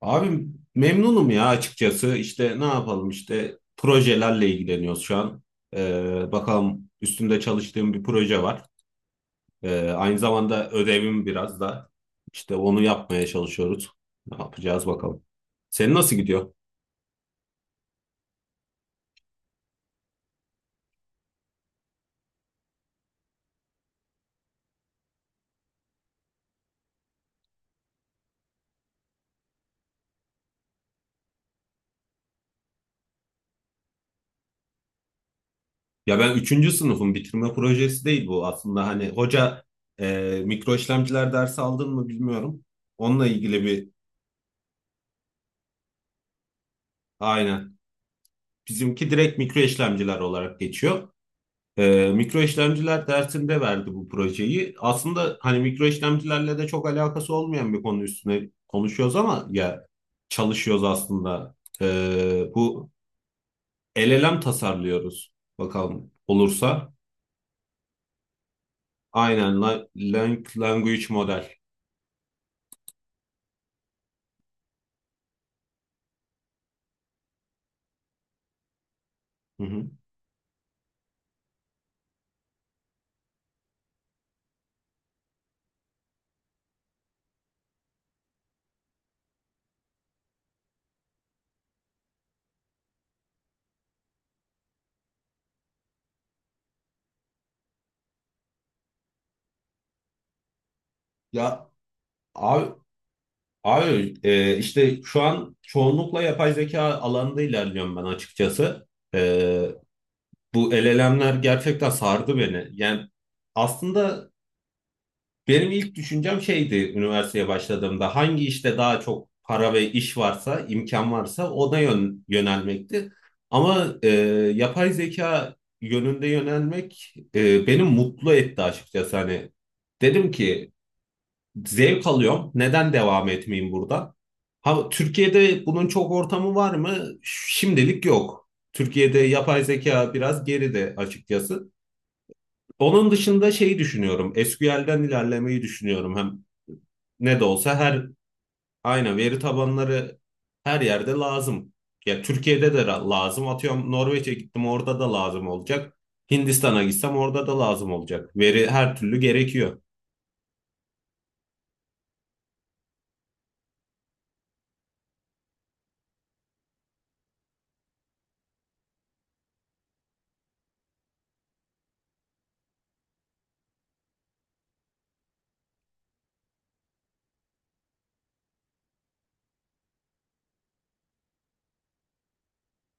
Abi memnunum ya açıkçası. İşte ne yapalım işte projelerle ilgileniyoruz şu an. Bakalım üstünde çalıştığım bir proje var. Aynı zamanda ödevim biraz da işte onu yapmaya çalışıyoruz. Ne yapacağız bakalım. Senin nasıl gidiyor? Ya ben üçüncü sınıfım, bitirme projesi değil bu aslında. Hani hoca mikro işlemciler dersi aldın mı bilmiyorum. Onunla ilgili bir, aynen, bizimki direkt mikro işlemciler olarak geçiyor. Mikro işlemciler dersinde verdi bu projeyi. Aslında hani mikro işlemcilerle de çok alakası olmayan bir konu üstüne konuşuyoruz ama ya, çalışıyoruz aslında. Bu LLM tasarlıyoruz, bakalım olursa. Aynen language model. Hı hı. Ya Abi, abi, işte şu an çoğunlukla yapay zeka alanında ilerliyorum ben açıkçası. E, bu LLM'ler gerçekten sardı beni. Yani aslında benim ilk düşüncem şeydi üniversiteye başladığımda, hangi işte daha çok para ve iş varsa, imkan varsa ona yönelmekti. Ama yapay zeka yönünde yönelmek beni mutlu etti açıkçası. Hani dedim ki, zevk alıyorum, neden devam etmeyeyim burada? Ha, Türkiye'de bunun çok ortamı var mı? Şimdilik yok. Türkiye'de yapay zeka biraz geride açıkçası. Onun dışında şeyi düşünüyorum, SQL'den ilerlemeyi düşünüyorum. Hem ne de olsa her, aynen, veri tabanları her yerde lazım. Ya Türkiye'de de lazım. Atıyorum Norveç'e gittim, orada da lazım olacak. Hindistan'a gitsem orada da lazım olacak. Veri her türlü gerekiyor.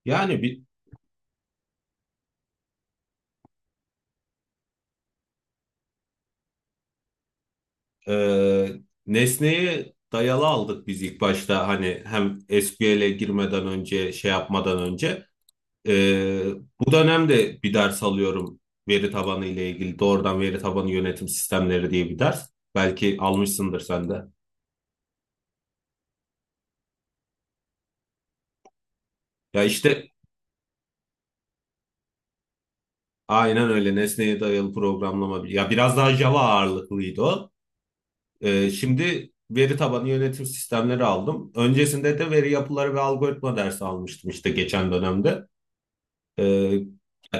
Yani bi- Ee, nesneyi dayalı aldık biz ilk başta, hani hem SQL'e girmeden önce, şey yapmadan önce. Ee, bu dönemde bir ders alıyorum veri tabanı ile ilgili, doğrudan veri tabanı yönetim sistemleri diye bir ders. Belki almışsındır sen de. Ya işte aynen öyle, nesneye dayalı programlama. Ya biraz daha Java ağırlıklıydı o. Şimdi veri tabanı yönetim sistemleri aldım. Öncesinde de veri yapıları ve algoritma dersi almıştım işte geçen dönemde. Ee,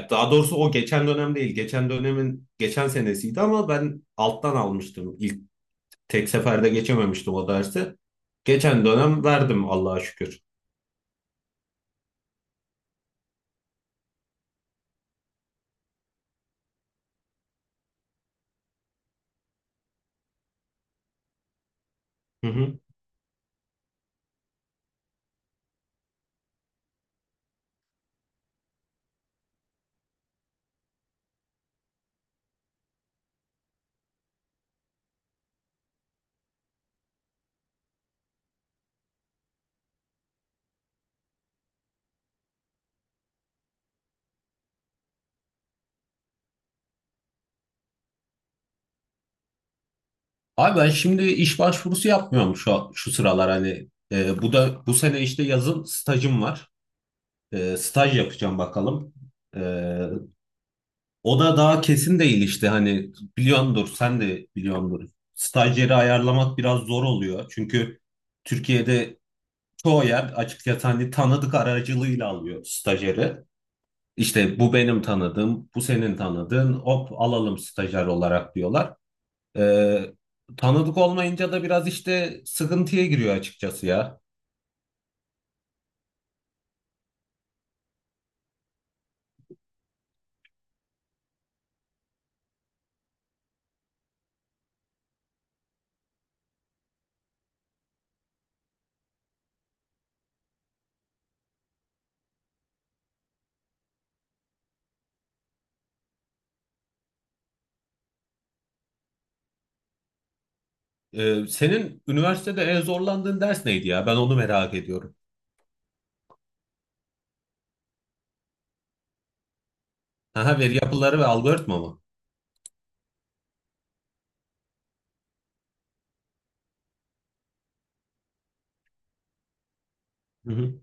daha doğrusu o geçen dönem değil, geçen dönemin geçen senesiydi, ama ben alttan almıştım. İlk tek seferde geçememiştim o dersi. Geçen dönem verdim Allah'a şükür. Hı hı. Abi ben şimdi iş başvurusu yapmıyorum şu sıralar, hani bu da, bu sene işte yazın stajım var. Staj yapacağım bakalım. E, o da daha kesin değil işte, hani biliyordur, sen de biliyordur. Stajyeri ayarlamak biraz zor oluyor. Çünkü Türkiye'de çoğu yer açıkçası hani tanıdık aracılığıyla alıyor stajyeri. İşte bu benim tanıdığım, bu senin tanıdığın, hop alalım stajyer olarak, diyorlar. Ee, tanıdık olmayınca da biraz işte sıkıntıya giriyor açıkçası ya. Senin üniversitede en zorlandığın ders neydi ya? Ben onu merak ediyorum. Aha, veri yapıları ve algoritma mı? Hı hı.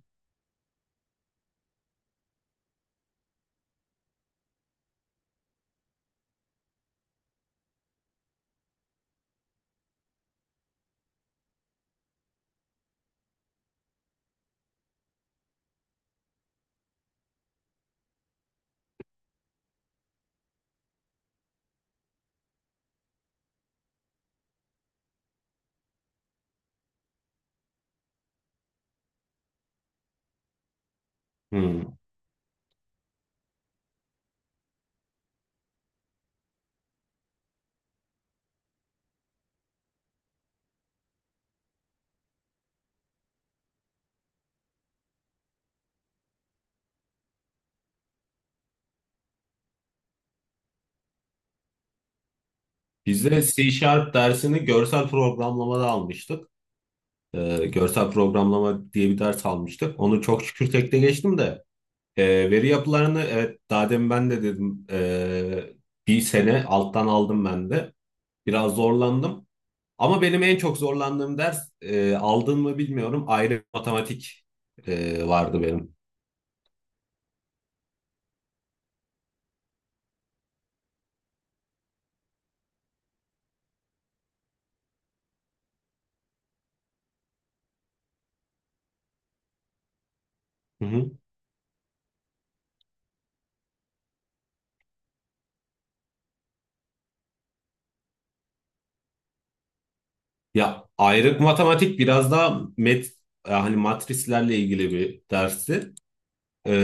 Hmm. Biz de C Sharp dersini görsel programlamada almıştık. Görsel programlama diye bir ders almıştık. Onu çok şükür tekte geçtim de. Veri yapılarını, evet, daha demin ben de dedim, bir sene alttan aldım ben de. Biraz zorlandım. Ama benim en çok zorlandığım ders, aldın mı bilmiyorum, ayrı matematik vardı benim. Hı hı. Ya ayrık matematik biraz daha yani matrislerle ilgili bir dersti.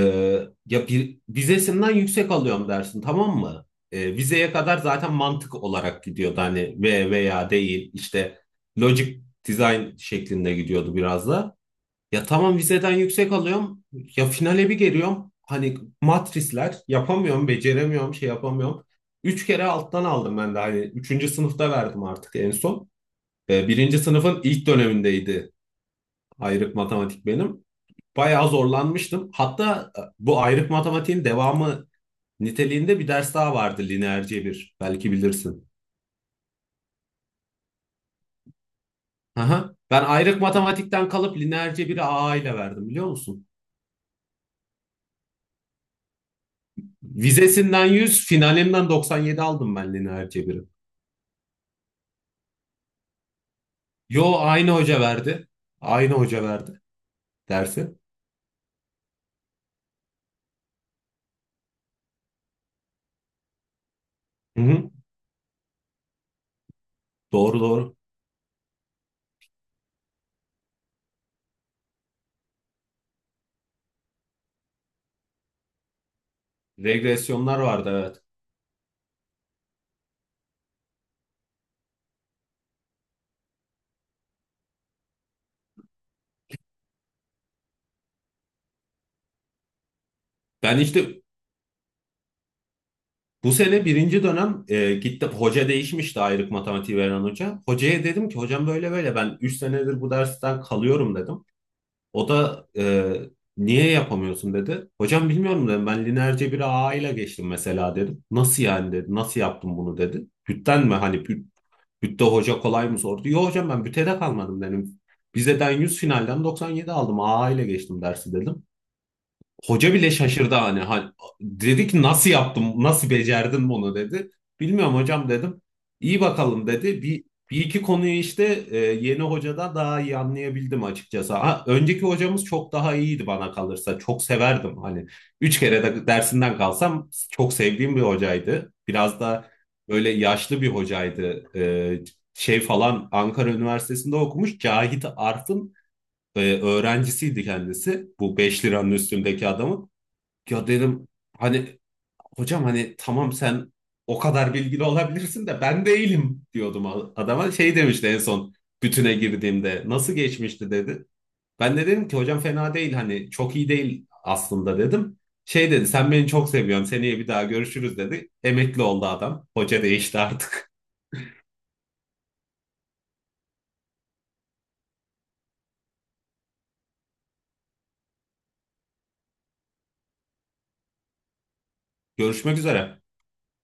Ya bir, vizesinden yüksek alıyorum dersin, tamam mı? Vizeye kadar zaten mantık olarak gidiyordu, hani ve, veya, değil, işte logic design şeklinde gidiyordu biraz da. Ya tamam vizeden yüksek alıyorum, ya finale bir geliyorum, hani matrisler yapamıyorum, beceremiyorum, şey yapamıyorum. 3 kere alttan aldım ben de, hani üçüncü sınıfta verdim artık en son. Birinci sınıfın ilk dönemindeydi ayrık matematik benim. Bayağı zorlanmıştım. Hatta bu ayrık matematiğin devamı niteliğinde bir ders daha vardı, lineer cebir. Belki bilirsin. Aha. Ben ayrık matematikten kalıp lineer cebiri A ile verdim biliyor musun? Vizesinden 100, finalinden 97 aldım ben lineer cebiri. Yo, aynı hoca verdi. Aynı hoca verdi dersi. Hı hı. Doğru doğru. Regresyonlar vardı evet. Ben işte bu sene birinci dönem gitti, hoca değişmişti, ayrık matematiği veren hoca. Hocaya dedim ki, hocam böyle böyle, ben 3 senedir bu dersten kalıyorum dedim. O da niye yapamıyorsun dedi. Hocam bilmiyorum dedim, ben lineer cebiri A ile geçtim mesela dedim. Nasıl yani dedi, nasıl yaptım bunu dedi. Bütten mi, hani bütte hoca kolay mı sordu. Yok hocam, ben bütte de kalmadım dedim. Vizeden 100, finalden 97 aldım, A ile geçtim dersi dedim. Hoca bile şaşırdı hani. Hani dedi ki nasıl yaptım, nasıl becerdin bunu dedi. Bilmiyorum hocam dedim. İyi bakalım dedi. Bir iki konuyu işte yeni hocada daha iyi anlayabildim açıkçası. Ha, önceki hocamız çok daha iyiydi bana kalırsa. Çok severdim hani. 3 kere de dersinden kalsam çok sevdiğim bir hocaydı. Biraz da böyle yaşlı bir hocaydı. Şey falan Ankara Üniversitesi'nde okumuş. Cahit Arf'ın öğrencisiydi kendisi. Bu 5 liranın üstündeki adamın. Ya dedim hani, hocam hani tamam, sen o kadar bilgili olabilirsin de ben değilim, diyordum adama. Şey demişti en son, bütüne girdiğimde nasıl geçmişti dedi. Ben de dedim ki, hocam fena değil, hani çok iyi değil aslında dedim. Şey dedi, sen beni çok seviyorsun, seneye bir daha görüşürüz dedi. Emekli oldu adam. Hoca değişti artık. Görüşmek üzere.